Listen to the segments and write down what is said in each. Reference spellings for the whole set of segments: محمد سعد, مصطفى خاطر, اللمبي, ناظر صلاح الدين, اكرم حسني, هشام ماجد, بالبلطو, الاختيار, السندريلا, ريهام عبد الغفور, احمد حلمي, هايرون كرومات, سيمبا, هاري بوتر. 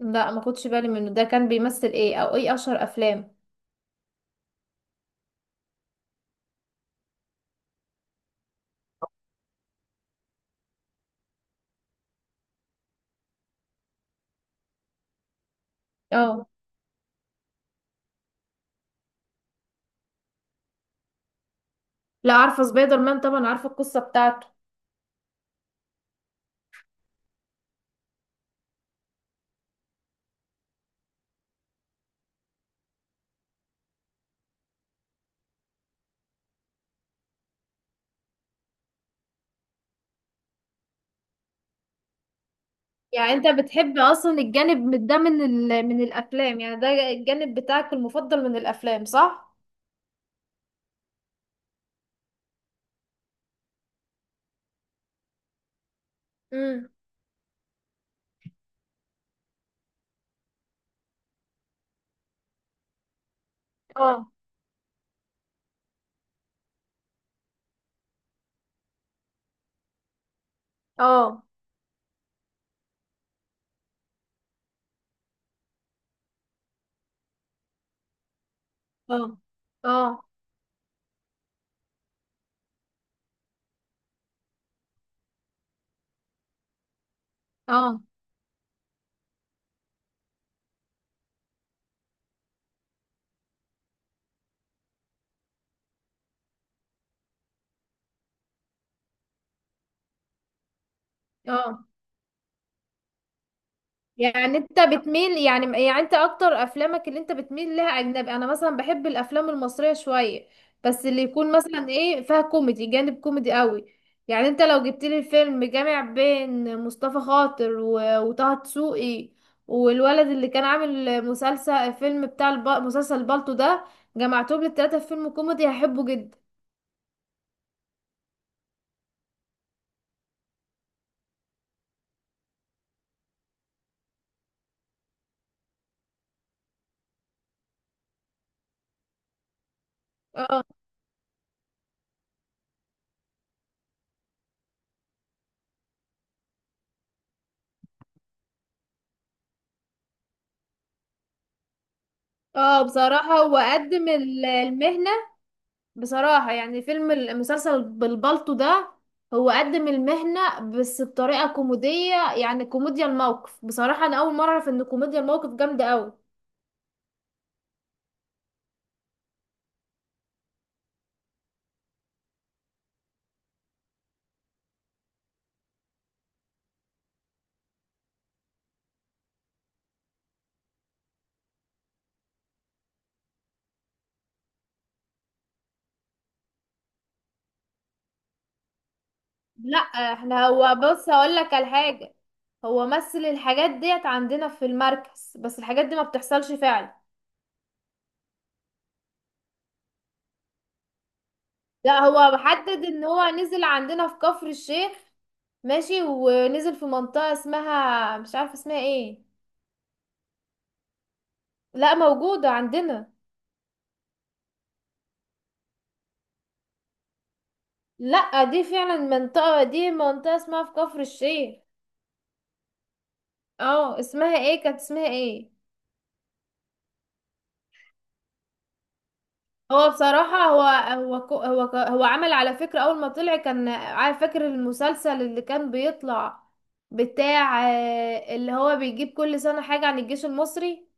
لا ما خدش بالي منه. ده كان بيمثل ايه؟ او ايه اشهر افلام؟ اه، لا عارفه سبايدر مان طبعا، عارفه القصه بتاعته. يعني انت بتحب اصلا الجانب ده من الافلام؟ يعني ده الجانب بتاعك المفضل من الافلام صح؟ امم، اه، اه، اه، اه، اه، اه. يعني انت بتميل، يعني انت اكتر افلامك اللي انت بتميل لها اجنبي؟ انا مثلا بحب الافلام المصرية شوية، بس اللي يكون مثلا ايه فيها كوميدي، جانب كوميدي قوي. يعني انت لو جبت لي فيلم جامع بين مصطفى خاطر وطه دسوقي، والولد اللي كان عامل مسلسل فيلم مسلسل بالطو ده، جمعتهم للتلاتة في فيلم كوميدي هحبه جدا. اه، اه بصراحة هو قدم المهنة. بصراحة يعني فيلم المسلسل بالبلطو ده، هو قدم المهنة بس بطريقة كوميدية، يعني كوميديا الموقف. بصراحة أنا أول مرة أعرف إن كوميديا الموقف جامدة أوي. لا، احنا هو بص هقولك على حاجة. هو مثل الحاجات ديت عندنا في المركز، بس الحاجات دي ما بتحصلش فعلا. لا، هو محدد ان هو نزل عندنا في كفر الشيخ، ماشي، ونزل في منطقة اسمها مش عارفة اسمها ايه. لا، موجودة عندنا. لا، دي فعلا منطقة، دي منطقة اسمها في كفر الشيخ. اه اسمها ايه؟ كانت اسمها ايه؟ هو بصراحة، هو كو- هو ك- هو عمل على فكرة. أول ما طلع كان عارف، فاكر المسلسل اللي كان بيطلع بتاع اللي هو بيجيب كل سنة حاجة عن الجيش المصري؟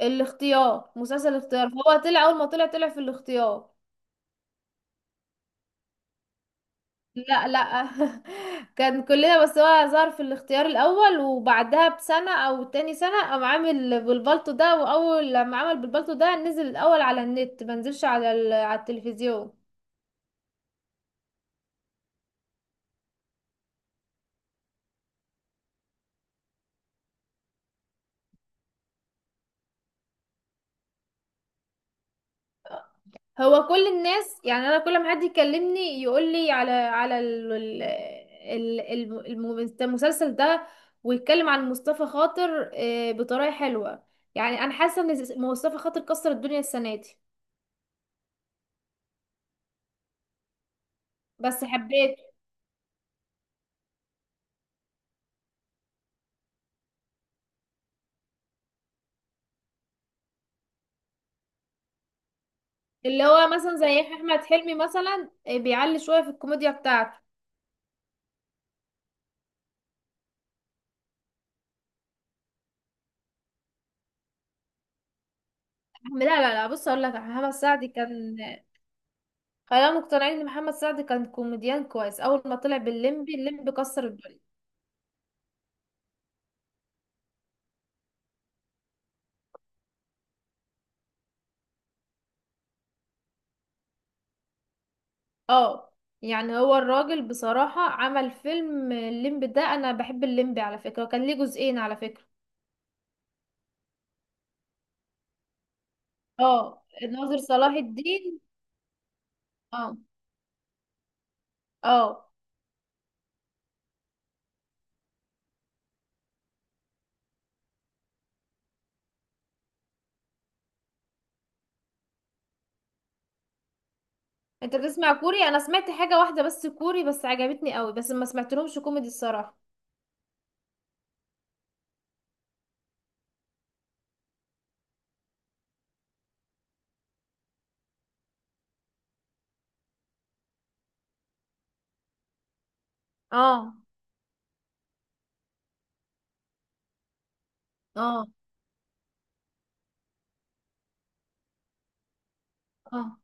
الاختيار، مسلسل الاختيار. فهو طلع، أول ما طلع طلع في الاختيار. لا. كان كلنا، بس هو ظهر في الاختيار الاول، وبعدها بسنه او تاني سنه قام عامل بالبلطو ده. واول لما عمل بالبلطو ده نزل الاول على النت، ما نزلش على التلفزيون. هو كل الناس، يعني انا كل ما حد يكلمني يقول لي على على ال- ال- ال- الم- الم- المسلسل ده، ويتكلم عن مصطفى خاطر بطريقه حلوه. يعني انا حاسه ان مصطفى خاطر كسر الدنيا السنه دي. بس حبيت اللي هو مثلا زي احمد حلمي مثلا، بيعلي شويه في الكوميديا بتاعته. لا لا لا، بص اقول لك، محمد سعد كان، خلينا مقتنعين ان محمد سعد كان كوميديان كويس. اول ما طلع باللمبي، اللمبي كسر الدنيا. اه، يعني هو الراجل بصراحه عمل فيلم اللمبي ده. انا بحب اللمبي على فكره، وكان ليه جزئين على فكره. اه، ناظر صلاح الدين. اه، اه. انت بتسمع كوري؟ انا سمعت حاجه واحده بس كوري، بس عجبتني قوي، بس ما سمعتلهمش كوميدي الصراحه. اه، اه، اه،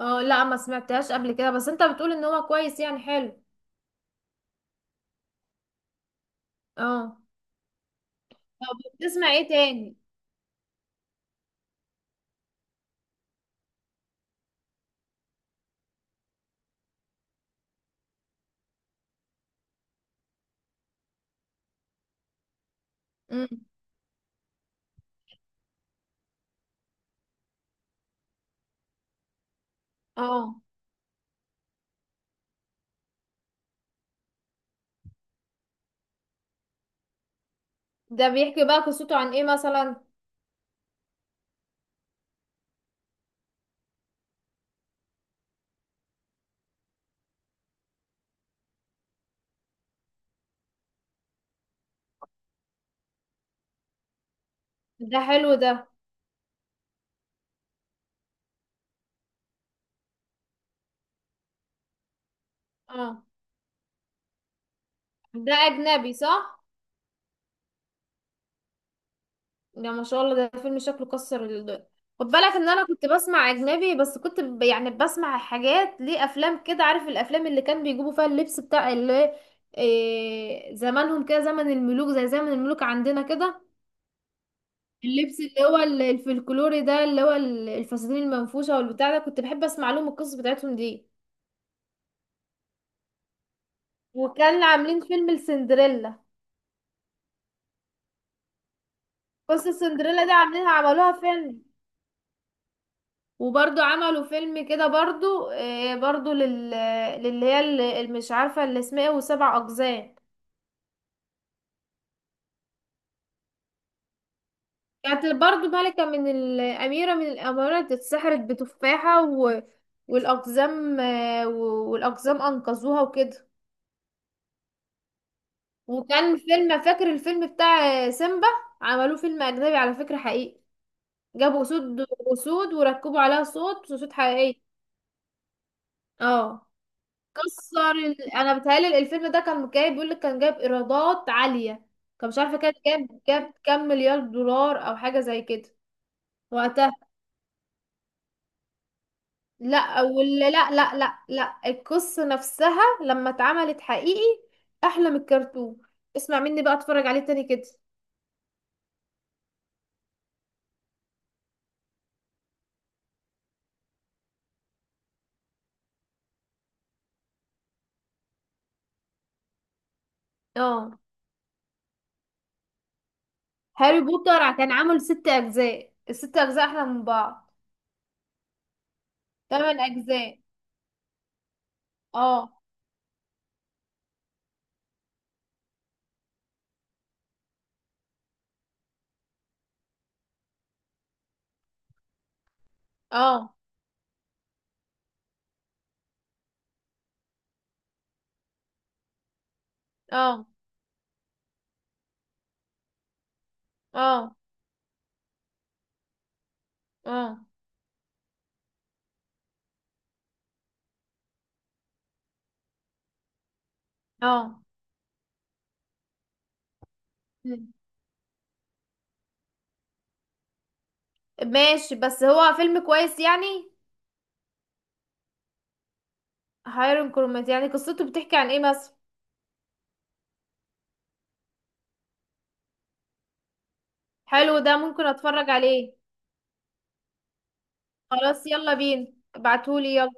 اه، لا ما سمعتهاش قبل كده، بس انت بتقول ان هو كويس يعني، حلو. اه. طب بتسمع ايه تاني؟ امم، اه. ده بيحكي بقى قصته عن ايه مثلا؟ ده حلو ده. اه، ده اجنبي صح؟ ده ما شاء الله ده فيلم شكله كسر خد بالك ان انا كنت بسمع اجنبي، بس يعني بسمع حاجات ليه، افلام كده، عارف الافلام اللي كان بيجيبوا فيها اللبس بتاع اللي إيه، زمانهم كده، زمن الملوك، زي زمن الملوك عندنا كده. اللبس اللي هو الفلكلوري ده، اللي هو الفساتين المنفوشة والبتاع ده، كنت بحب اسمع لهم القصص بتاعتهم دي. وكان عاملين فيلم السندريلا، قصة السندريلا دي عاملينها، عملوها فيلم. وبرضو عملوا فيلم كده برضو، برضو لل، للي هي اللي مش عارفة اللي اسمها ايه وسبع اقزام. كانت برضو ملكة، من الأميرة من الأمارات، اتسحرت بتفاحة و... والأقزام، والأقزام أنقذوها وكده. وكان فيلم، فاكر الفيلم بتاع سيمبا؟ عملوه فيلم اجنبي على فكرة حقيقي، جابوا اسود، اسود وركبوا عليها صوت اسود حقيقية. اه، كسر ال... انا بتهيألي الفيلم ده كان جايب، بيقول لك كان جايب ايرادات عالية. كان مش عارفة كان جاب، كام مليار دولار او حاجة زي كده وقتها. لا، ولا لا لا لا لا، القصة نفسها لما اتعملت حقيقي احلى من الكرتون. اسمع مني بقى، اتفرج عليه تاني كده. اه، هاري بوتر كان عامل ست اجزاء، الست اجزاء احلى من بعض. تمن اجزاء. اه، اه، اه، اه، اه، اه. مم. ماشي بس هو فيلم كويس يعني؟ هايرون كرومات، يعني قصته بتحكي عن ايه مثلا؟ حلو ده، ممكن اتفرج عليه. خلاص يلا بينا، ابعتولي يلا.